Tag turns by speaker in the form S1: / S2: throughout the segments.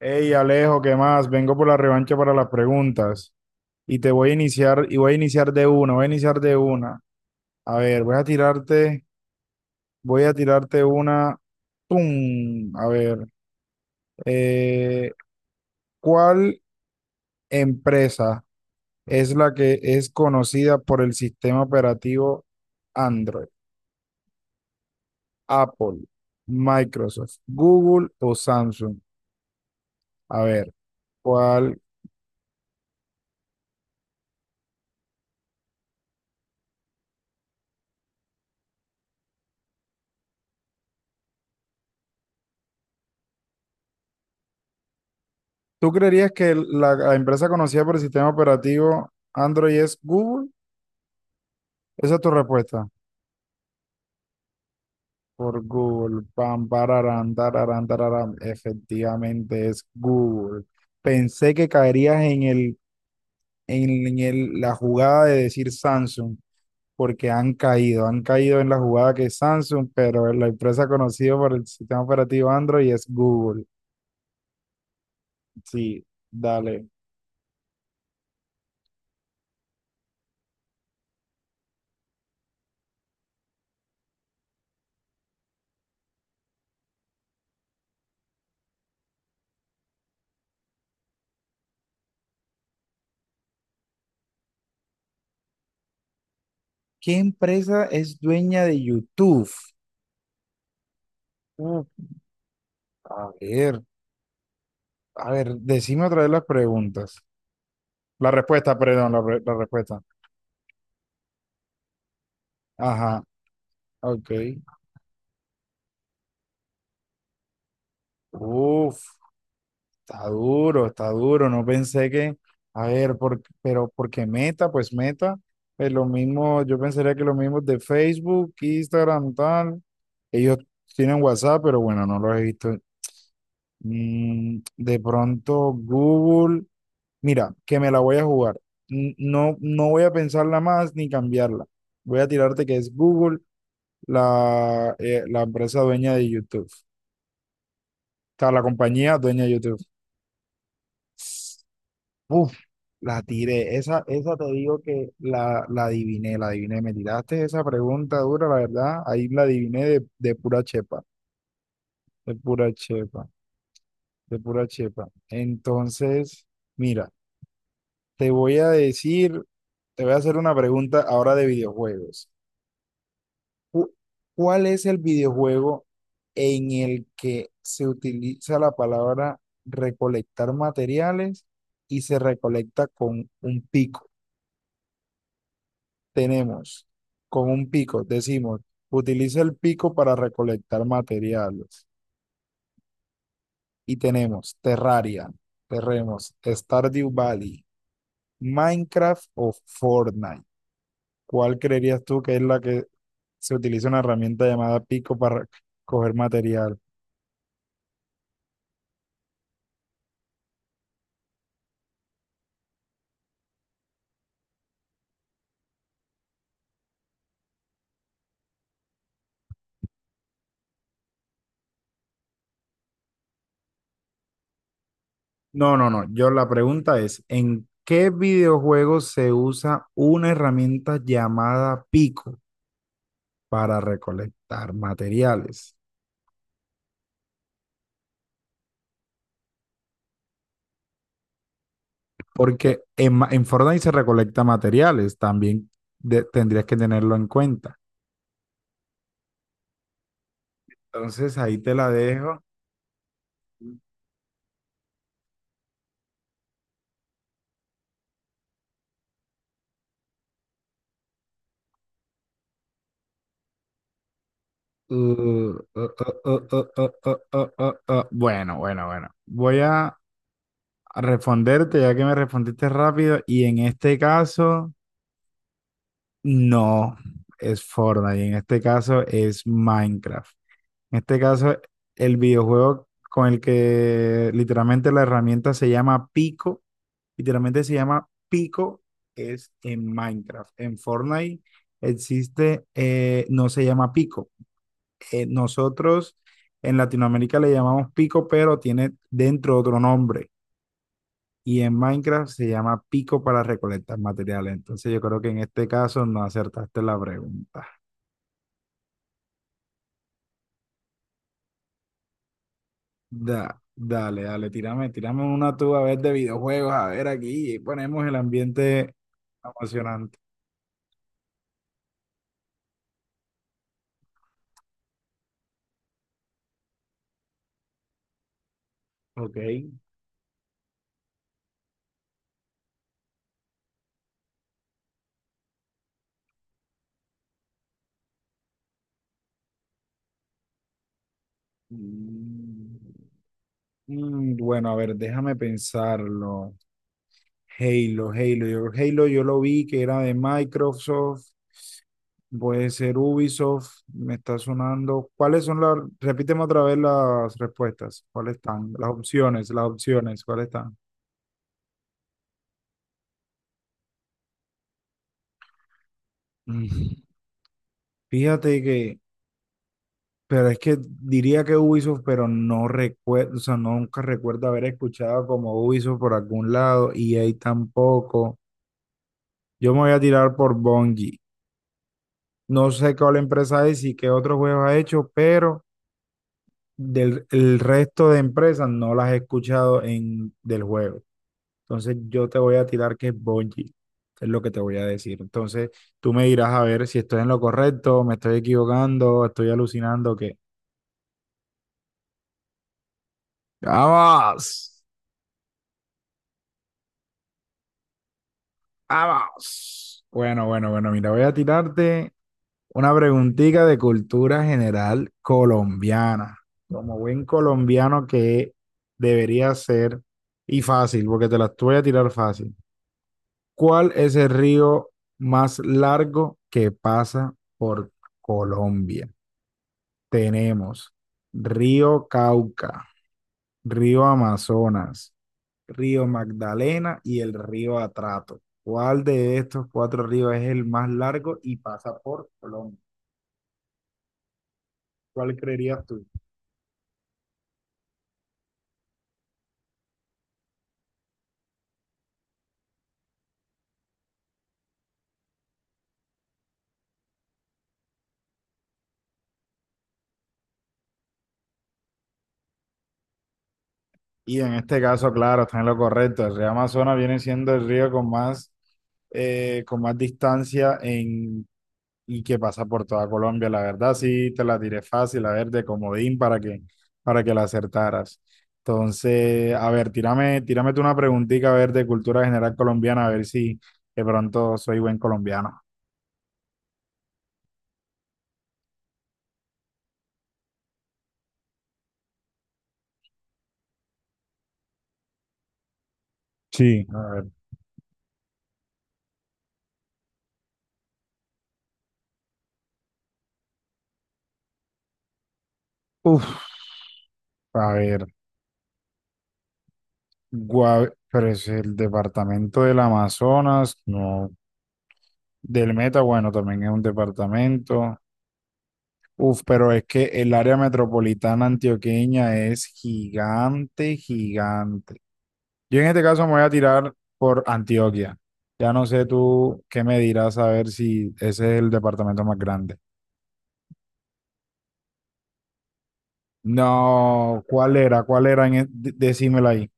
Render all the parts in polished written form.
S1: Hey Alejo, ¿qué más? Vengo por la revancha para las preguntas y te voy a iniciar y voy a iniciar de una, voy a iniciar de una. A ver, voy a tirarte una. ¡Pum! A ver, eh, ¿cuál empresa es la que es conocida por el sistema operativo Android? Apple, Microsoft, Google o Samsung. A ver, ¿cuál? ¿Tú creerías que la empresa conocida por el sistema operativo Android es Google? Esa es tu respuesta. Por Google. Pam, pararán, tararán, tararán. Efectivamente es Google. Pensé que caerías en la jugada de decir Samsung, porque han caído en la jugada que es Samsung, pero la empresa conocida por el sistema operativo Android es Google. Sí, dale. ¿Qué empresa es dueña de YouTube? Uh, a ver, a ver, decime otra vez las preguntas. La respuesta, perdón, la respuesta. Ajá, ok. Uf, está duro, está duro. No pensé que, a ver, pero porque Meta, pues Meta, es lo mismo, yo pensaría que lo mismo de Facebook, Instagram, tal. Ellos tienen WhatsApp, pero bueno, no los he visto. De pronto Google, mira, que me la voy a jugar. No, no voy a pensarla más ni cambiarla. Voy a tirarte que es Google, la empresa dueña de YouTube. O sea, la compañía dueña de YouTube. Uf, la tiré. Esa te digo que la adiviné, la adiviné. Me tiraste esa pregunta dura, la verdad. Ahí la adiviné de pura chepa, de pura chepa, de pura chepa. Entonces, mira, te voy a decir, te voy a hacer una pregunta ahora de videojuegos. Cu- ¿Cuál es el videojuego en el que se utiliza la palabra recolectar materiales y se recolecta con un pico? Tenemos con un pico, decimos, utiliza el pico para recolectar materiales. Y tenemos Terraria, tenemos Stardew Valley, Minecraft o Fortnite. ¿Cuál creerías tú que es la que se utiliza una herramienta llamada pico para coger material? No, no, no. Yo la pregunta es, ¿en qué videojuego se usa una herramienta llamada pico para recolectar materiales? Porque en, en Fortnite se recolecta materiales, también tendrías que tenerlo en cuenta. Entonces ahí te la dejo. Uh, uh, uh, Bueno, bueno, bueno. Voy a responderte ya que me respondiste rápido y en este caso no es Fortnite, en este caso es Minecraft. En este caso el videojuego con el que literalmente la herramienta se llama Pico. Literalmente se llama Pico, es en Minecraft. En Fortnite existe, no se llama Pico. Nosotros en Latinoamérica le llamamos Pico, pero tiene dentro otro nombre. Y en Minecraft se llama Pico para recolectar materiales. Entonces yo creo que en este caso no acertaste la pregunta. Dale, dale, tírame, tírame una tú a ver de videojuegos, a ver aquí, y ponemos el ambiente emocionante. Ok. Mm. Mm, bueno, a ver, déjame pensarlo. Halo, Halo. Yo, Halo yo lo vi que era de Microsoft, puede ser Ubisoft, me está sonando. ¿Cuáles son las? Repíteme otra vez las respuestas. ¿Cuáles están? Las opciones, ¿cuáles están? Mm, Fíjate que, pero es que diría que Ubisoft, pero no recuerdo, o sea, nunca recuerdo haber escuchado como Ubisoft por algún lado y ahí tampoco. Yo me voy a tirar por Bungie. No sé cuál empresa es y qué otros juegos ha hecho, pero del el resto de empresas no las he escuchado en del juego. Entonces yo te voy a tirar que es Bungie, es lo que te voy a decir. Entonces tú me dirás a ver si estoy en lo correcto, me estoy equivocando, estoy alucinando, que ¡vamos! ¡Vamos! Bueno, bueno, bueno, mira, voy a tirarte una preguntita de cultura general colombiana. Como buen colombiano que debería ser, y fácil, porque te las voy a tirar fácil. ¿Cuál es el río más largo que pasa por Colombia? Tenemos Río Cauca, Río Amazonas, Río Magdalena y el río Atrato. ¿Cuál de estos cuatro ríos es el más largo y pasa por Colombia? ¿Cuál creerías tú? Y en este caso, claro, está en lo correcto. El río Amazonas viene siendo el río con más distancia en, y que pasa por toda Colombia. La verdad, sí, te la tiré fácil, a ver, de comodín para que la acertaras. Entonces, a ver, tírame, tírame tú una preguntita, a ver, de cultura general colombiana, a ver si de pronto soy buen colombiano. Sí. A ver. Uf, a ver. Pero es el departamento del Amazonas, no. Del Meta, bueno, también es un departamento. Uf, pero es que el área metropolitana antioqueña es gigante, gigante. Yo en este caso me voy a tirar por Antioquia. Ya no sé tú qué me dirás a ver si ese es el departamento más grande. No, ¿cuál era? ¿Cuál era? Decímelo ahí.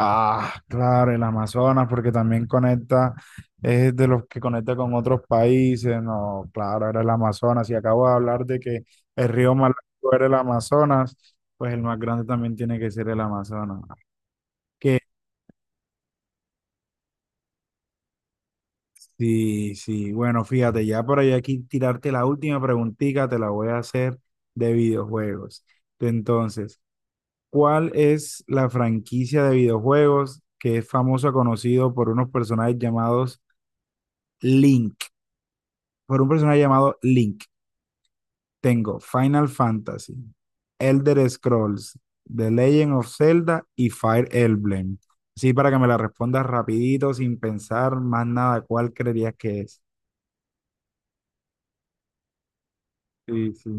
S1: Ah, claro, el Amazonas, porque también conecta, es de los que conecta con otros países, no, claro, era el Amazonas, y acabo de hablar de que el río más largo era el Amazonas, pues el más grande también tiene que ser el Amazonas. Que sí, sí, bueno, fíjate, ya por ahí aquí tirarte la última preguntita, te la voy a hacer de videojuegos. Entonces, ¿cuál es la franquicia de videojuegos que es famosa, conocido por unos personajes llamados Link? Por un personaje llamado Link. Tengo Final Fantasy, Elder Scrolls, The Legend of Zelda y Fire Emblem. Sí, para que me la respondas rapidito, sin pensar más nada, ¿cuál creerías que es? Sí, sí.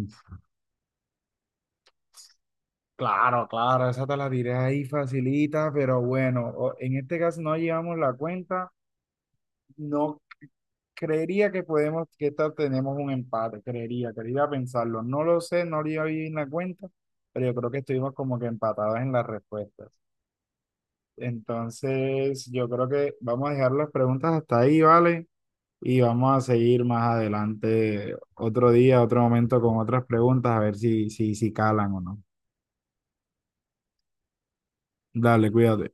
S1: Claro, claro, esa te la diré ahí facilita, pero bueno, en este caso no llevamos la cuenta. No creería que podemos, que esta tenemos un empate, creería, quería pensarlo. No lo sé, no llevo bien la cuenta, pero yo creo que estuvimos como que empatados en las respuestas. Entonces, yo creo que vamos a dejar las preguntas hasta ahí, ¿vale? Y vamos a seguir más adelante otro día, otro momento con otras preguntas, a ver si, si, si calan o no. Dale, cuídate.